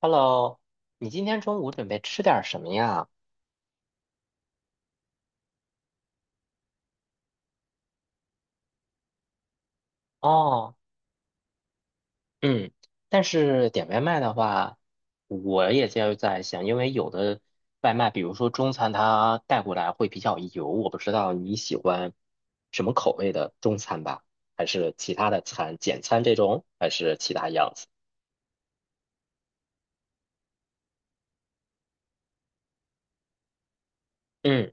Hello，你今天中午准备吃点儿什么呀？哦，嗯，但是点外卖的话，我也就在想，因为有的外卖，比如说中餐，它带过来会比较油，我不知道你喜欢什么口味的中餐吧？还是其他的餐，简餐这种，还是其他样子？嗯，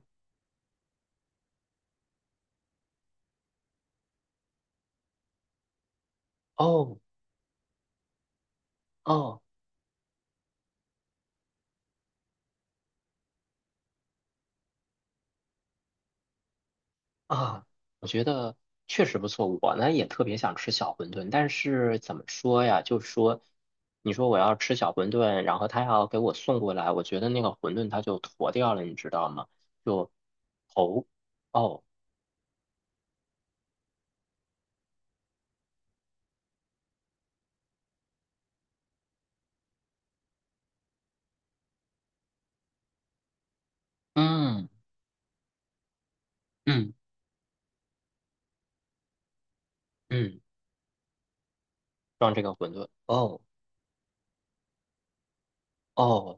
哦哦。啊，我觉得确实不错。我呢也特别想吃小馄饨，但是怎么说呀？就是说，你说我要吃小馄饨，然后他要给我送过来，我觉得那个馄饨它就坨掉了，你知道吗？就头哦，嗯嗯嗯，装这个馄饨哦哦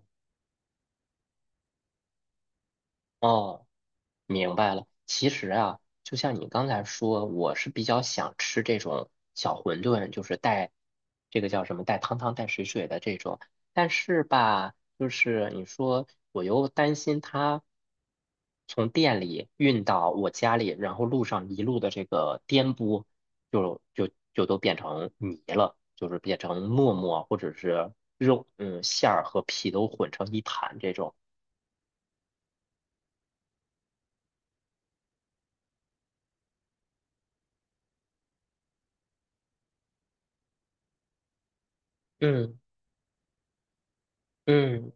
哦。明白了，其实啊，就像你刚才说，我是比较想吃这种小馄饨，就是带这个叫什么带汤汤带水水的这种。但是吧，就是你说我又担心它从店里运到我家里，然后路上一路的这个颠簸，就都变成泥了，就是变成沫沫或者是肉，嗯，馅儿和皮都混成一盘这种。嗯嗯。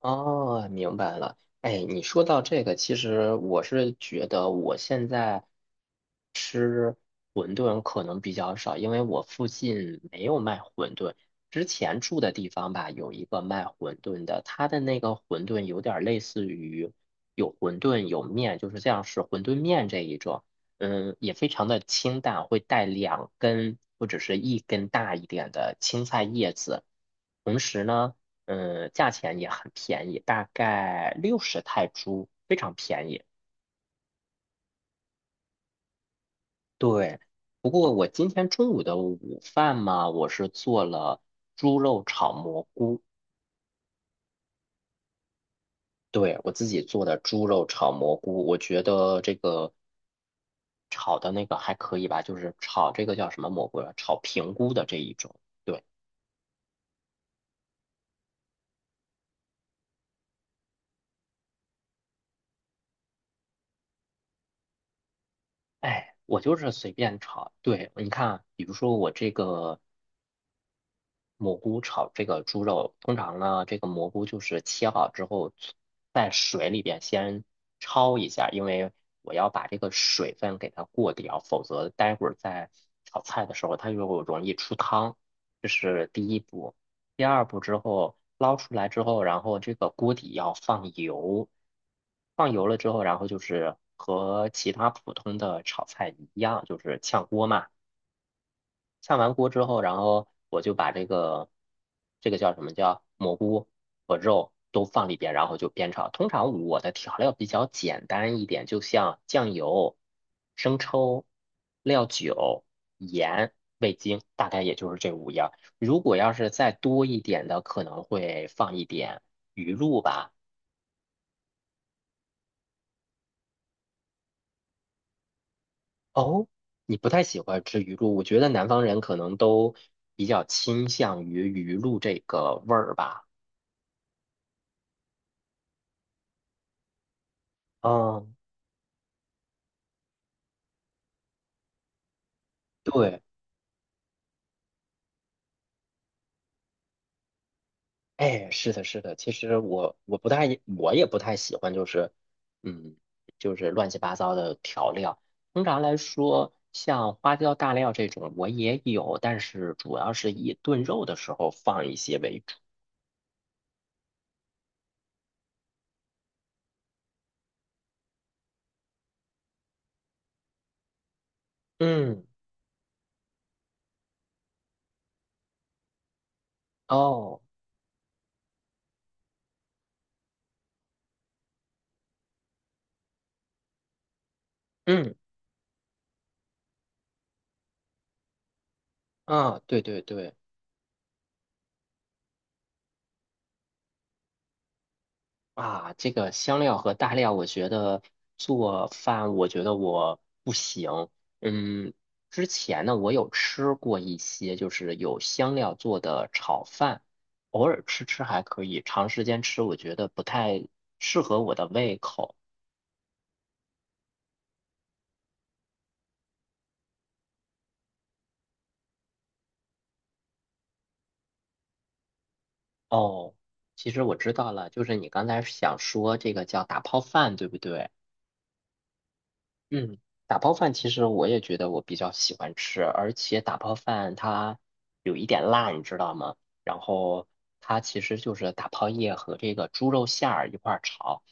哦，明白了。哎，你说到这个，其实我是觉得我现在吃馄饨可能比较少，因为我附近没有卖馄饨。之前住的地方吧，有一个卖馄饨的，他的那个馄饨有点儿类似于有馄饨有面，就是这样是馄饨面这一种。嗯，也非常的清淡，会带两根或者是一根大一点的青菜叶子。同时呢。嗯，价钱也很便宜，大概60泰铢，非常便宜。对，不过我今天中午的午饭嘛，我是做了猪肉炒蘑菇，对，我自己做的猪肉炒蘑菇，我觉得这个炒的那个还可以吧，就是炒这个叫什么蘑菇啊？炒平菇的这一种。对，哎，我就是随便炒。对，你看，比如说我这个。蘑菇炒这个猪肉，通常呢，这个蘑菇就是切好之后，在水里边先焯一下，因为我要把这个水分给它过掉，否则待会儿在炒菜的时候它就容易出汤。这是第一步。第二步之后捞出来之后，然后这个锅底要放油，放油了之后，然后就是和其他普通的炒菜一样，就是炝锅嘛。炝完锅之后，然后我就把这个叫什么叫蘑菇和肉都放里边，然后就煸炒。通常我的调料比较简单一点，就像酱油、生抽、料酒、盐、味精，大概也就是这五样儿如果要是再多一点的，可能会放一点鱼露吧。哦，你不太喜欢吃鱼露，我觉得南方人可能都比较倾向于鱼露这个味儿吧。嗯，对，哎，是的，是的。其实我不太，我也不太喜欢，就是，嗯，就是乱七八糟的调料。通常来说，像花椒、大料这种我也有，但是主要是以炖肉的时候放一些为主。嗯，哦，嗯，啊，对对对。啊，这个香料和大料，我觉得做饭，我觉得我不行。嗯，之前呢，我有吃过一些，就是有香料做的炒饭，偶尔吃吃还可以，长时间吃我觉得不太适合我的胃口。哦，其实我知道了，就是你刚才想说这个叫打泡饭，对不对？嗯，打泡饭其实我也觉得我比较喜欢吃，而且打泡饭它有一点辣，你知道吗？然后它其实就是打泡叶和这个猪肉馅儿一块儿炒，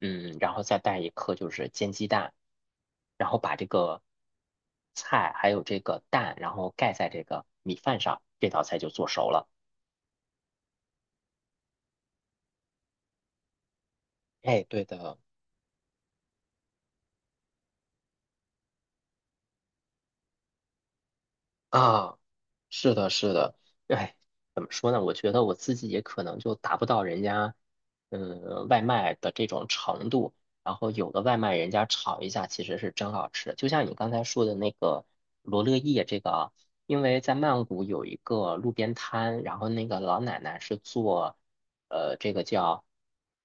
嗯，然后再带一颗就是煎鸡蛋，然后把这个菜还有这个蛋，然后盖在这个米饭上，这道菜就做熟了。哎，对的。啊，是的，是的，哎，怎么说呢？我觉得我自己也可能就达不到人家，嗯，外卖的这种程度。然后有的外卖人家炒一下，其实是真好吃。就像你刚才说的那个罗勒叶这个啊，因为在曼谷有一个路边摊，然后那个老奶奶是做，这个叫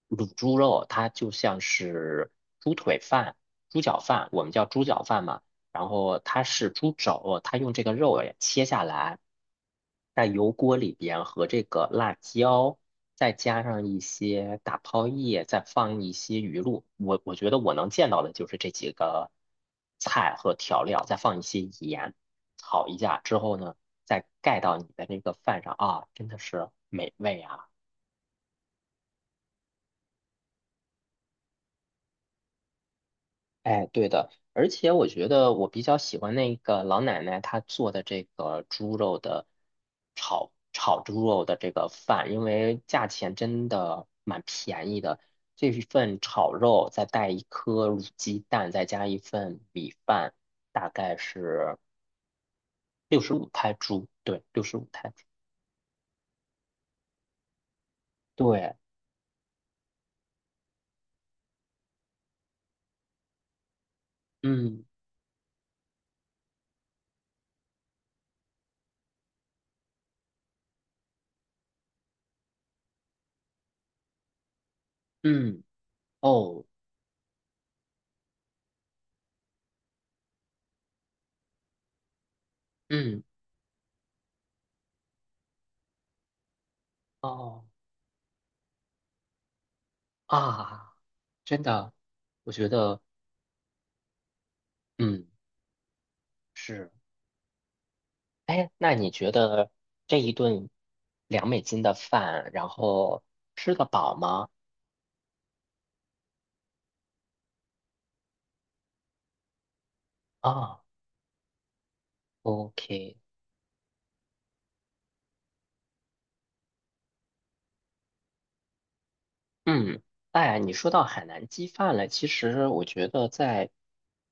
卤猪肉，它就像是猪腿饭、猪脚饭，我们叫猪脚饭嘛。然后它是猪肘，它用这个肉也切下来，在油锅里边和这个辣椒，再加上一些打泡叶，再放一些鱼露。我觉得我能见到的就是这几个菜和调料，再放一些盐，炒一下之后呢，再盖到你的那个饭上啊，真的是美味啊！哎，对的，而且我觉得我比较喜欢那个老奶奶她做的这个猪肉的炒猪肉的这个饭，因为价钱真的蛮便宜的。这一份炒肉再带一颗卤鸡蛋，再加一份米饭，大概是六十五泰铢。对，六十五泰铢。对，嗯嗯哦嗯哦啊，真的，我觉得嗯是。哎，那你觉得这一顿2美金的饭，然后吃得饱吗？啊，OK,嗯，哎，你说到海南鸡饭了，其实我觉得在，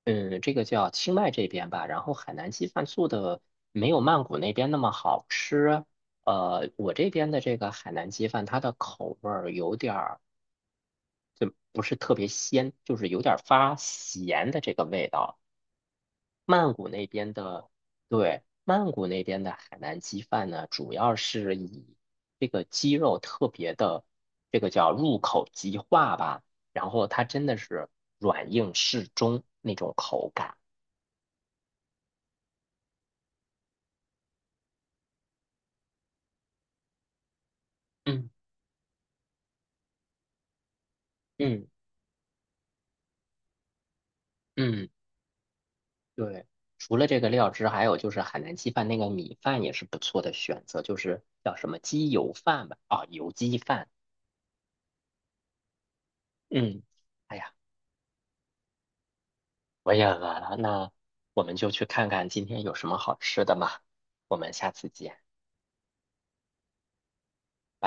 嗯，这个叫清迈这边吧，然后海南鸡饭做的没有曼谷那边那么好吃。呃，我这边的这个海南鸡饭，它的口味儿有点儿不是特别鲜，就是有点儿发咸的这个味道。曼谷那边的，对，曼谷那边的海南鸡饭呢，主要是以这个鸡肉特别的，这个叫入口即化吧，然后它真的是软硬适中那种口感。嗯嗯嗯，对。除了这个料汁，还有就是海南鸡饭那个米饭也是不错的选择，就是叫什么鸡油饭吧，啊、油鸡饭。嗯，哎呀。我也饿了，那我们就去看看今天有什么好吃的吧，我们下次见。拜拜。